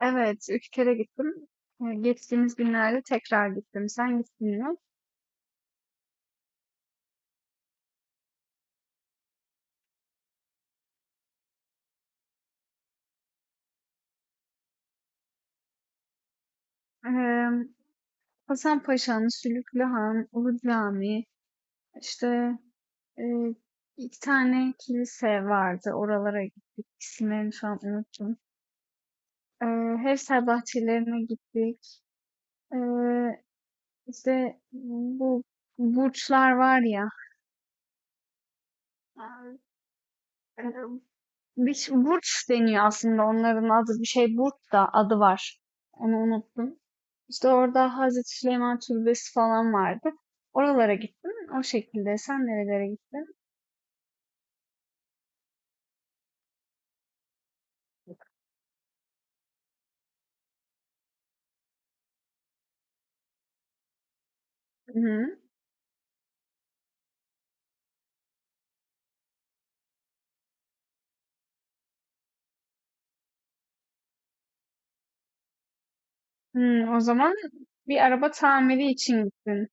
Evet, 3 kere gittim. Geçtiğimiz günlerde tekrar gittim. Sen gittin mi? Eee Hasan Paşa'nın Sülüklü Han, Ulu Cami, işte eee, iki tane kilise vardı. Oralara gittik. İsimlerini şu an unuttum. Hevser bahçelerine gittik. Eee işte bu burçlar var ya. eee, Burç deniyor aslında onların adı. Bir şey burç da adı var. Onu unuttum. İşte orada Hazreti Süleyman Türbesi falan vardı. Oralara gittim. O şekilde. Sen nerelere gittin? Hı-hı. Hı, o zaman bir araba tamiri için gittin.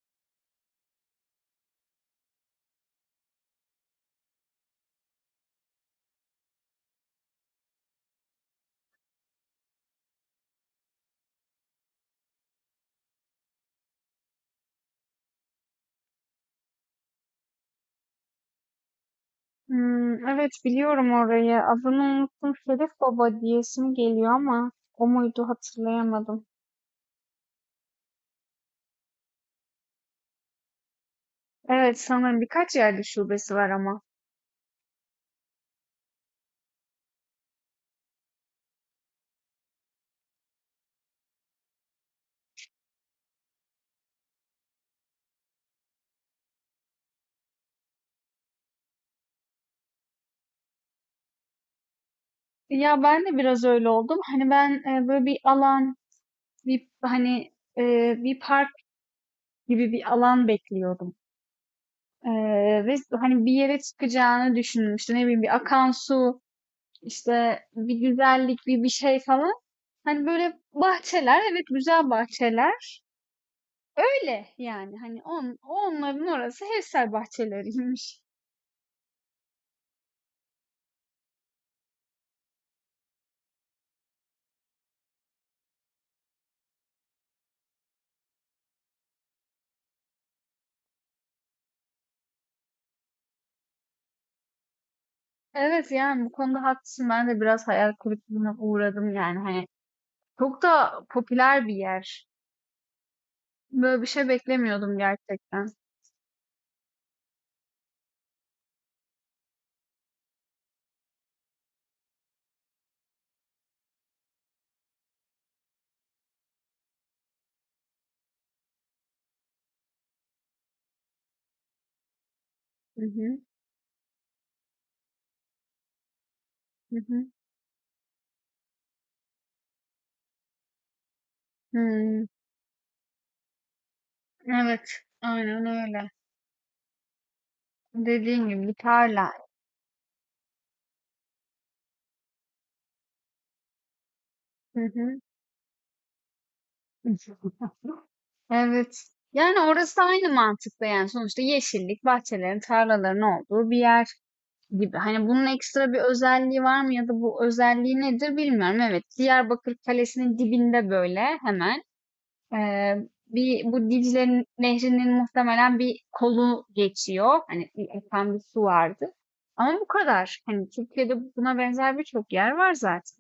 Hmm, evet biliyorum orayı. Adını unuttum. Şerif Baba diyesim geliyor ama o muydu hatırlayamadım. Evet sanırım birkaç yerde şubesi var ama. Ya ben de biraz öyle oldum. Hani ben böyle bir alan, bir hani e, bir park gibi bir alan bekliyordum. Ve hani bir yere çıkacağını düşündüm. İşte ne bileyim bir akan su, işte bir güzellik, bir şey falan. Hani böyle bahçeler, evet güzel bahçeler. Öyle yani hani onların orası hevsel bahçeleriymiş. Evet yani bu konuda haklısın. Ben de biraz hayal kırıklığına uğradım yani hani. Çok da popüler bir yer. Böyle bir şey beklemiyordum gerçekten. Hı hı. Hı hı. Hımm. Evet, aynen öyle. Dediğin gibi bir tarla. Hı hı. Evet. Yani orası aynı mantıkta yani sonuçta yeşillik, bahçelerin, tarlaların olduğu bir yer gibi. Hani bunun ekstra bir özelliği var mı ya da bu özelliği nedir bilmiyorum. Evet, Diyarbakır Kalesi'nin dibinde böyle hemen bu Dicle Nehri'nin muhtemelen bir kolu geçiyor. Hani bir akan bir su vardı. Ama bu kadar. Hani Türkiye'de buna benzer birçok yer var zaten.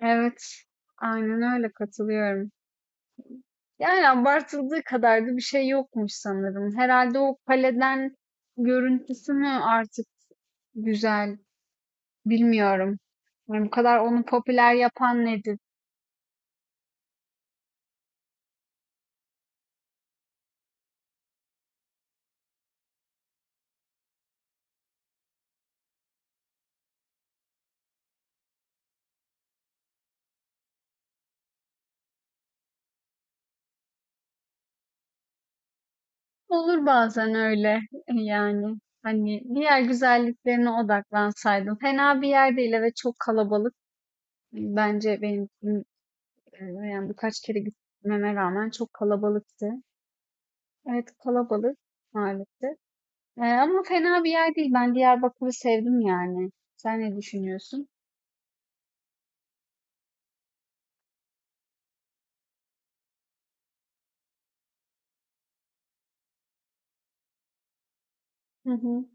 Evet, aynen öyle katılıyorum. Yani abartıldığı kadar da bir şey yokmuş sanırım. Herhalde o kaleden görüntüsü mü artık güzel, bilmiyorum. Yani bu kadar onu popüler yapan nedir? Olur bazen öyle yani. Hani diğer güzelliklerine odaklansaydım. Fena bir yer değil ve çok kalabalık. Bence benim için, yani birkaç kere gitmeme rağmen çok kalabalıktı. Evet kalabalık maalesef. Ama fena bir yer değil. Ben Diyarbakır'ı sevdim yani. Sen ne düşünüyorsun? Hı hı.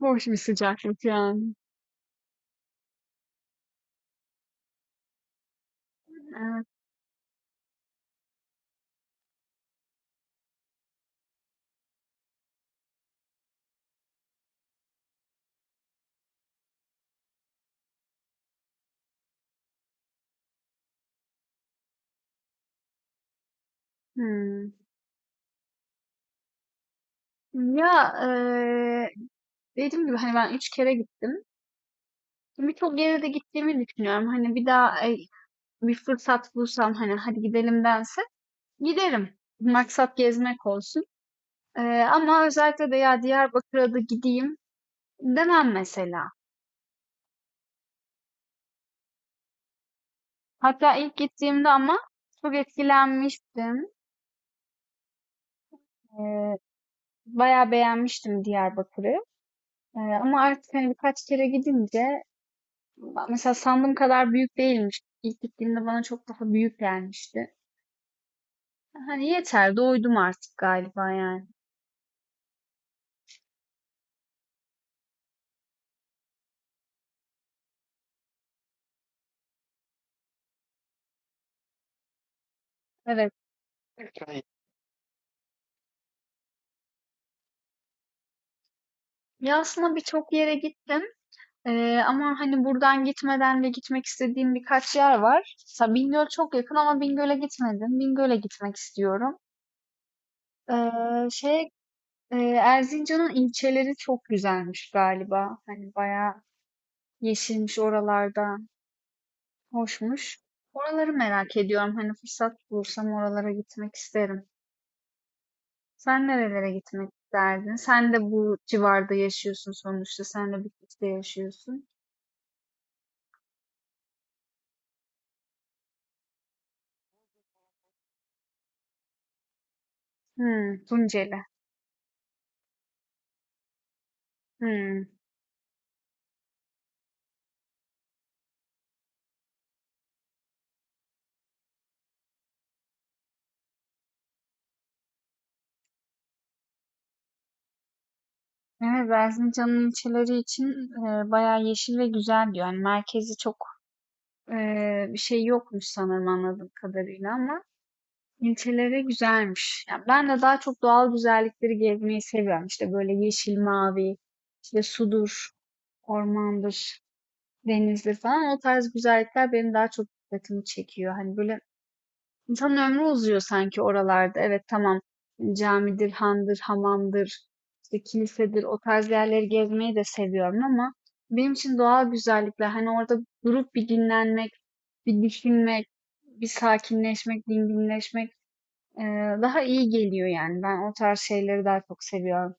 Hoş bir sıcaklık yani. Evet. Hmm. Ya, dediğim gibi hani ben üç kere gittim. Birçok yere de gittiğimi düşünüyorum. Hani bir daha bir fırsat bulsam hani hadi gidelim dense giderim. Maksat gezmek olsun. Ama özellikle de ya Diyarbakır'a da gideyim demem mesela. Hatta ilk gittiğimde ama çok etkilenmiştim. Ee, Bayağı beğenmiştim Diyarbakır'ı. Ama artık hani birkaç kere gidince mesela sandığım kadar büyük değilmiş. İlk gittiğimde bana çok daha büyük gelmişti. Hani yeter doydum artık galiba yani. Evet. Ya, aslında birçok yere gittim, ama, hani, buradan gitmeden de gitmek istediğim birkaç yer var. Mesela Bingöl çok yakın ama Bingöl'e gitmedim. Bingöl'e gitmek istiyorum. Şey, Erzincan'ın ilçeleri çok güzelmiş galiba. Hani, bayağı yeşilmiş oralarda, hoşmuş. Oraları merak ediyorum. Hani, fırsat bulursam oralara gitmek isterim. Sen nerelere gitmek isterdin? Sen de bu civarda yaşıyorsun sonuçta. Sen de Bitlis'te yaşıyorsun. Hımm, Tunceli. Hımm. Evet, Erzincan'ın ilçeleri için, bayağı yeşil ve güzel diyor. Yani merkezi çok, bir şey yokmuş sanırım anladığım kadarıyla ama ilçeleri güzelmiş. Yani ben de daha çok doğal güzellikleri gezmeyi seviyorum. İşte, böyle yeşil, mavi, işte, sudur, ormandır, denizdir falan. O tarz güzellikler benim daha çok dikkatimi çekiyor. Hani, böyle İnsanın ömrü uzuyor sanki oralarda. Evet tamam camidir, handır, hamamdır, işte kilisedir o tarz yerleri gezmeyi de seviyorum ama benim için doğal güzellikler hani orada durup bir dinlenmek, bir düşünmek, bir sakinleşmek, dinginleşmek daha iyi geliyor yani. Ben o tarz şeyleri daha çok seviyorum.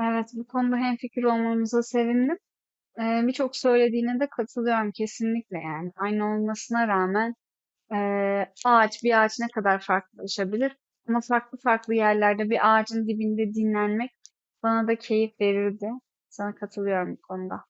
Evet bu konuda hemfikir olmamıza sevindim. Birçok söylediğine de katılıyorum kesinlikle yani. Aynı olmasına rağmen ağaç bir ağaç ne kadar farklılaşabilir? Ama farklı farklı yerlerde bir ağacın dibinde dinlenmek bana da keyif verirdi. Sana katılıyorum bu konuda.